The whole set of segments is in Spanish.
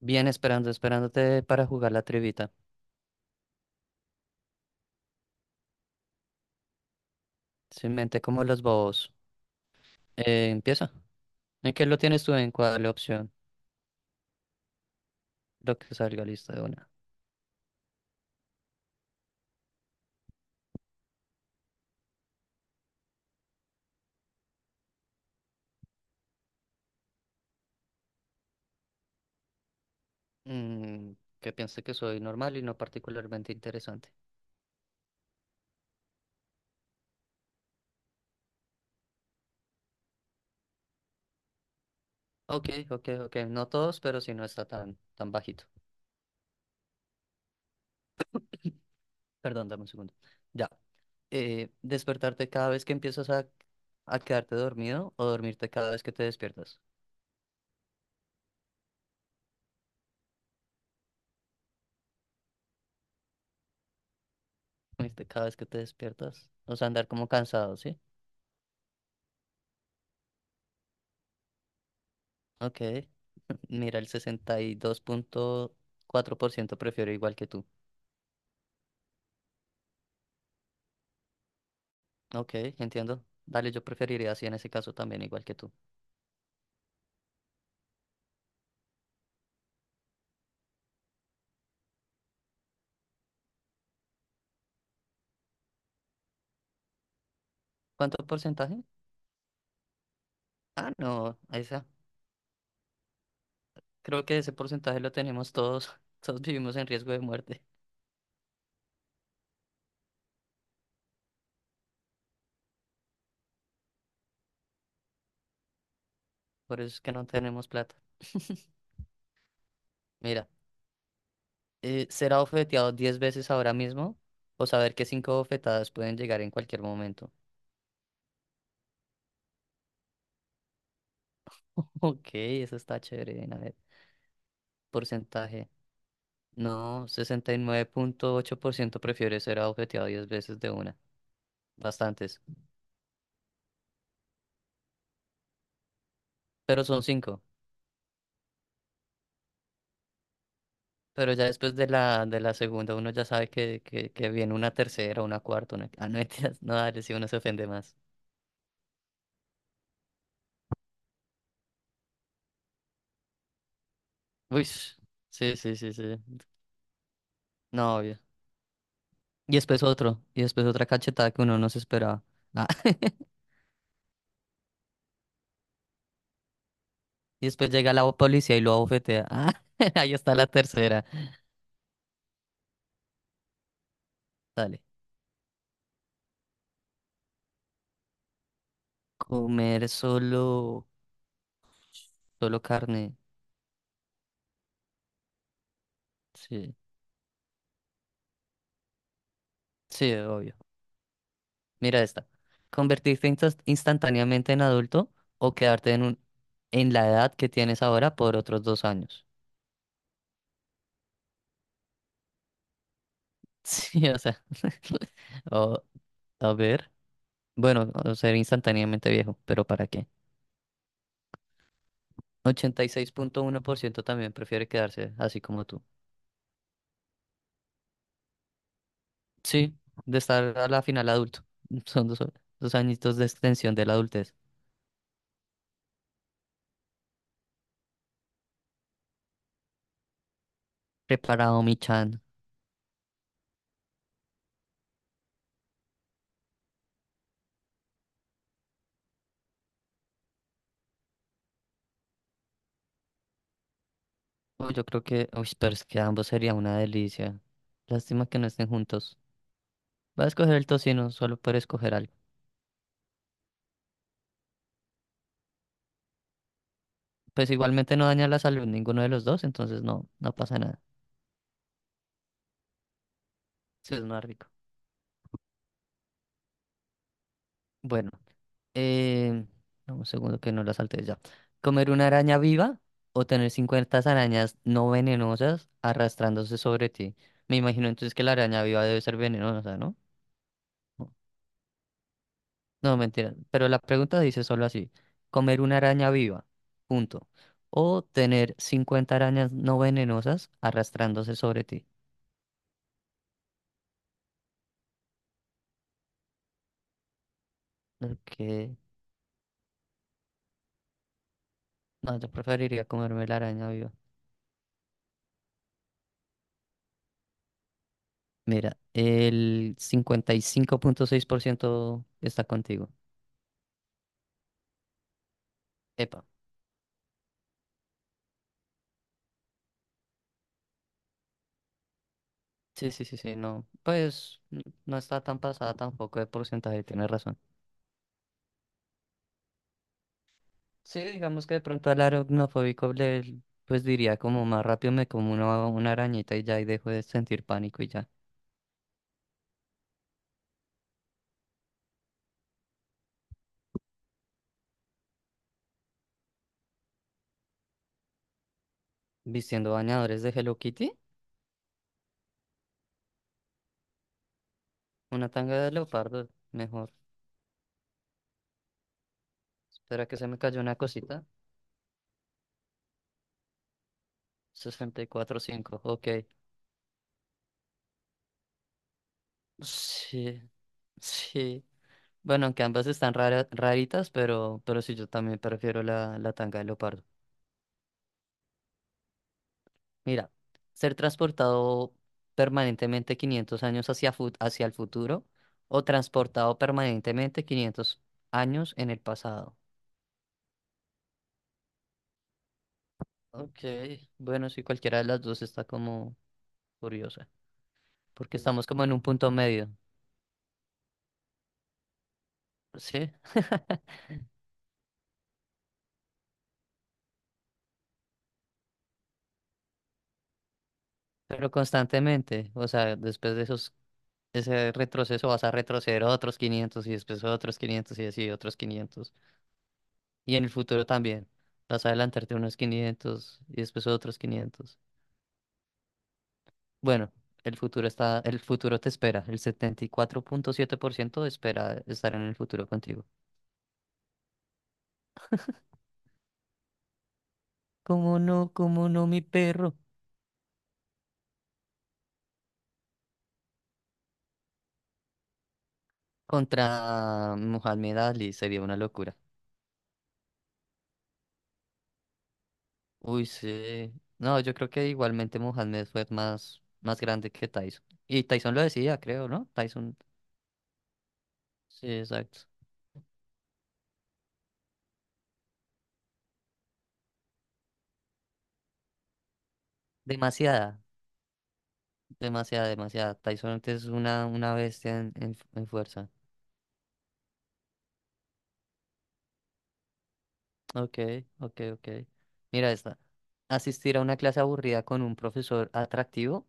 Bien, esperando, esperándote para jugar la trivita. Simplemente como los bobos. Empieza. ¿En qué lo tienes tú, en cuál opción? Lo que salga, lista de una. Mm, que piense que soy normal y no particularmente interesante. Ok, ok, ok. No todos, pero si no está tan bajito. Perdón, dame un segundo. Ya. ¿Despertarte cada vez que empiezas a quedarte dormido, o dormirte cada vez que te despiertas? Dormirte cada vez que te despiertas. O sea, andar como cansado, ¿sí? Ok. Mira, el sesenta y dos punto cuatro por ciento prefiero igual que tú. Ok, entiendo. Dale, yo preferiría así en ese caso también, igual que tú. ¿Cuánto porcentaje? Ah, no, esa. Creo que ese porcentaje lo tenemos todos. Todos vivimos en riesgo de muerte. Por eso es que no tenemos plata. Mira, ser abofeteado 10 veces ahora mismo, o saber que cinco bofetadas pueden llegar en cualquier momento. Ok, eso está chévere. A ver, porcentaje. No, sesenta y nueve punto ocho por ciento prefiere ser objetivado 10 veces de una. Bastantes. Pero son cinco. Pero ya después de la segunda uno ya sabe que, que viene una tercera, una cuarta, una... Ah, no, mentiras, no, dale, si uno se ofende más. Uy, sí, sí, sí, sí. No, obvio. Y después otro. Y después otra cachetada que uno no se esperaba. Ah, y después llega la policía y lo abofetea. Ah, ahí está la tercera. Dale. Comer solo carne. Sí, sí, obvio. Mira esta. Convertirte instantáneamente en adulto, o quedarte en la edad que tienes ahora por otros dos años. Sí, o sea. O, a ver. Bueno, o ser instantáneamente viejo, pero ¿para qué? Ochenta y seis punto uno por ciento también prefiere quedarse así como tú. Sí, de estar a la final adulto. Son dos, dos añitos de extensión de la adultez. Preparado, mi chan. Uy, yo creo que, uy, pero es que ambos sería una delicia. Lástima que no estén juntos. Voy a escoger el tocino solo por escoger algo. Pues igualmente no daña la salud ninguno de los dos, entonces no, no pasa nada. Sí, es más rico. Bueno, eh, dame un segundo que no la salte ya. ¿Comer una araña viva, o tener 50 arañas no venenosas arrastrándose sobre ti? Me imagino entonces que la araña viva debe ser venenosa, ¿no? No, no, mentira. Pero la pregunta dice solo así. ¿Comer una araña viva? Punto. O tener 50 arañas no venenosas arrastrándose sobre ti. Ok. No, yo preferiría comerme la araña viva. Mira, el cincuenta y cinco punto seis por ciento está contigo. Epa. Sí, sí, sí, sí, no. Pues no está tan pasada tampoco de porcentaje, tienes razón. Sí, digamos que de pronto al aracnofóbico le, pues diría como más rápido me como una arañita y ya, y dejo de sentir pánico y ya. Vistiendo bañadores de Hello Kitty, una tanga de leopardo, mejor. Espera que se me cayó una cosita. Sesenta y cuatro punto cinco, ok. Sí, sí. Bueno, que ambas están raritas, pero sí, yo también prefiero la tanga de leopardo. Mira, ser transportado permanentemente 500 años hacia el futuro, o transportado permanentemente 500 años en el pasado. Ok, bueno, sí, cualquiera de las dos está como curiosa, porque estamos como en un punto medio, ¿sí? Pero constantemente, o sea, después de esos, ese retroceso vas a retroceder otros 500 y después otros 500 y así otros 500. Y en el futuro también. Vas a adelantarte unos 500 y después otros quinientos. Bueno, el futuro está, el futuro te espera. El setenta y cuatro punto siete por ciento espera estar en el futuro contigo. ¿Cómo no? ¿Cómo no, mi perro? Contra Mohamed Ali sería una locura. Uy, sí. No, yo creo que igualmente Mohamed fue más, más grande que Tyson. Y Tyson lo decía, creo, ¿no? Tyson. Sí, exacto. Demasiada, demasiada, demasiada. Tyson es una bestia en fuerza. Ok, ok, ok. Mira esta. Asistir a una clase aburrida con un profesor atractivo,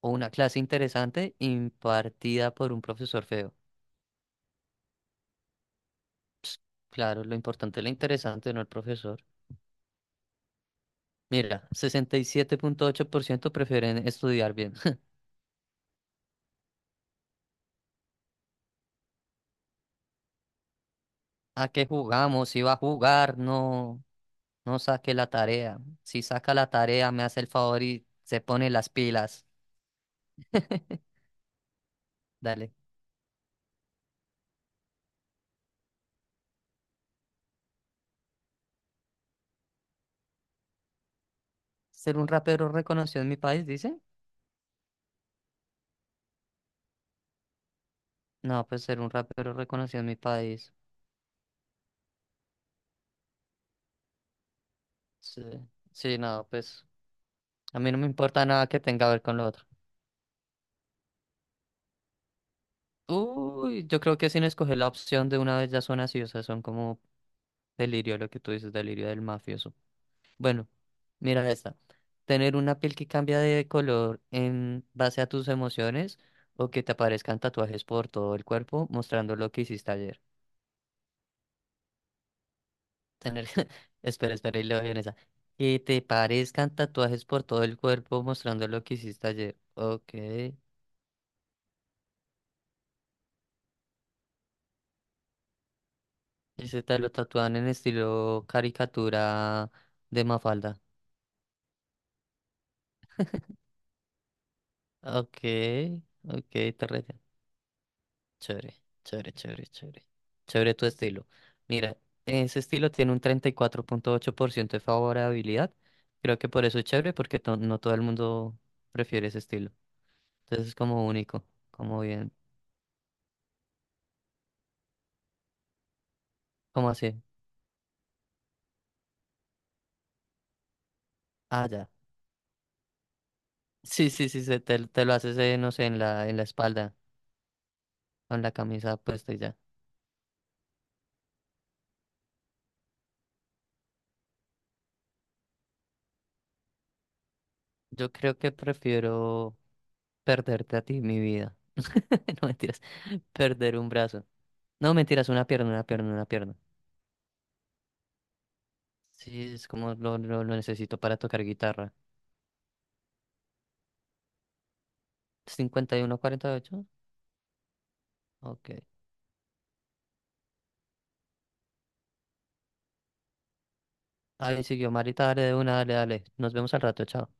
o una clase interesante impartida por un profesor feo. Claro, lo importante es lo interesante, no el profesor. Mira, sesenta y siete punto ocho por ciento prefieren estudiar bien. ¿A qué jugamos? Si va a jugar, no, no saque la tarea. Si saca la tarea, me hace el favor y se pone las pilas. Dale. ¿Ser un rapero reconocido en mi país, dice? No, pues ser un rapero reconocido en mi país. Sí, sí, no, pues a mí no me importa nada que tenga que ver con lo otro. Uy, yo creo que sin escoger la opción de una vez ya son así, o sea, son como delirio lo que tú dices, delirio del mafioso. Bueno, mira esta. Tener una piel que cambia de color en base a tus emociones, o que te aparezcan tatuajes por todo el cuerpo mostrando lo que hiciste ayer. Tener, espera, espera, y leo bien esa. Que te parezcan tatuajes por todo el cuerpo mostrando lo que hiciste ayer. Ok. Ese tal lo tatúan en estilo caricatura de Mafalda. Ok, ok, te rete. Chévere, chévere, chévere, chévere. Chévere tu estilo. Mira, ese estilo tiene un treinta y cuatro punto ocho por ciento de favorabilidad. Creo que por eso es chévere, porque no todo el mundo prefiere ese estilo. Entonces es como único, como bien. ¿Cómo así? Ah, ya. Sí, sí, sí, te lo haces, no sé, en en la espalda, con la camisa puesta y ya. Yo creo que prefiero. Perderte a ti, mi vida. No, mentiras. Perder un brazo. No, mentiras, una pierna, una pierna, una pierna. Sí, es como lo necesito para tocar guitarra. 51-48. Ok. Ahí siguió, Marita. Dale de una, dale, dale. Nos vemos al rato, chao.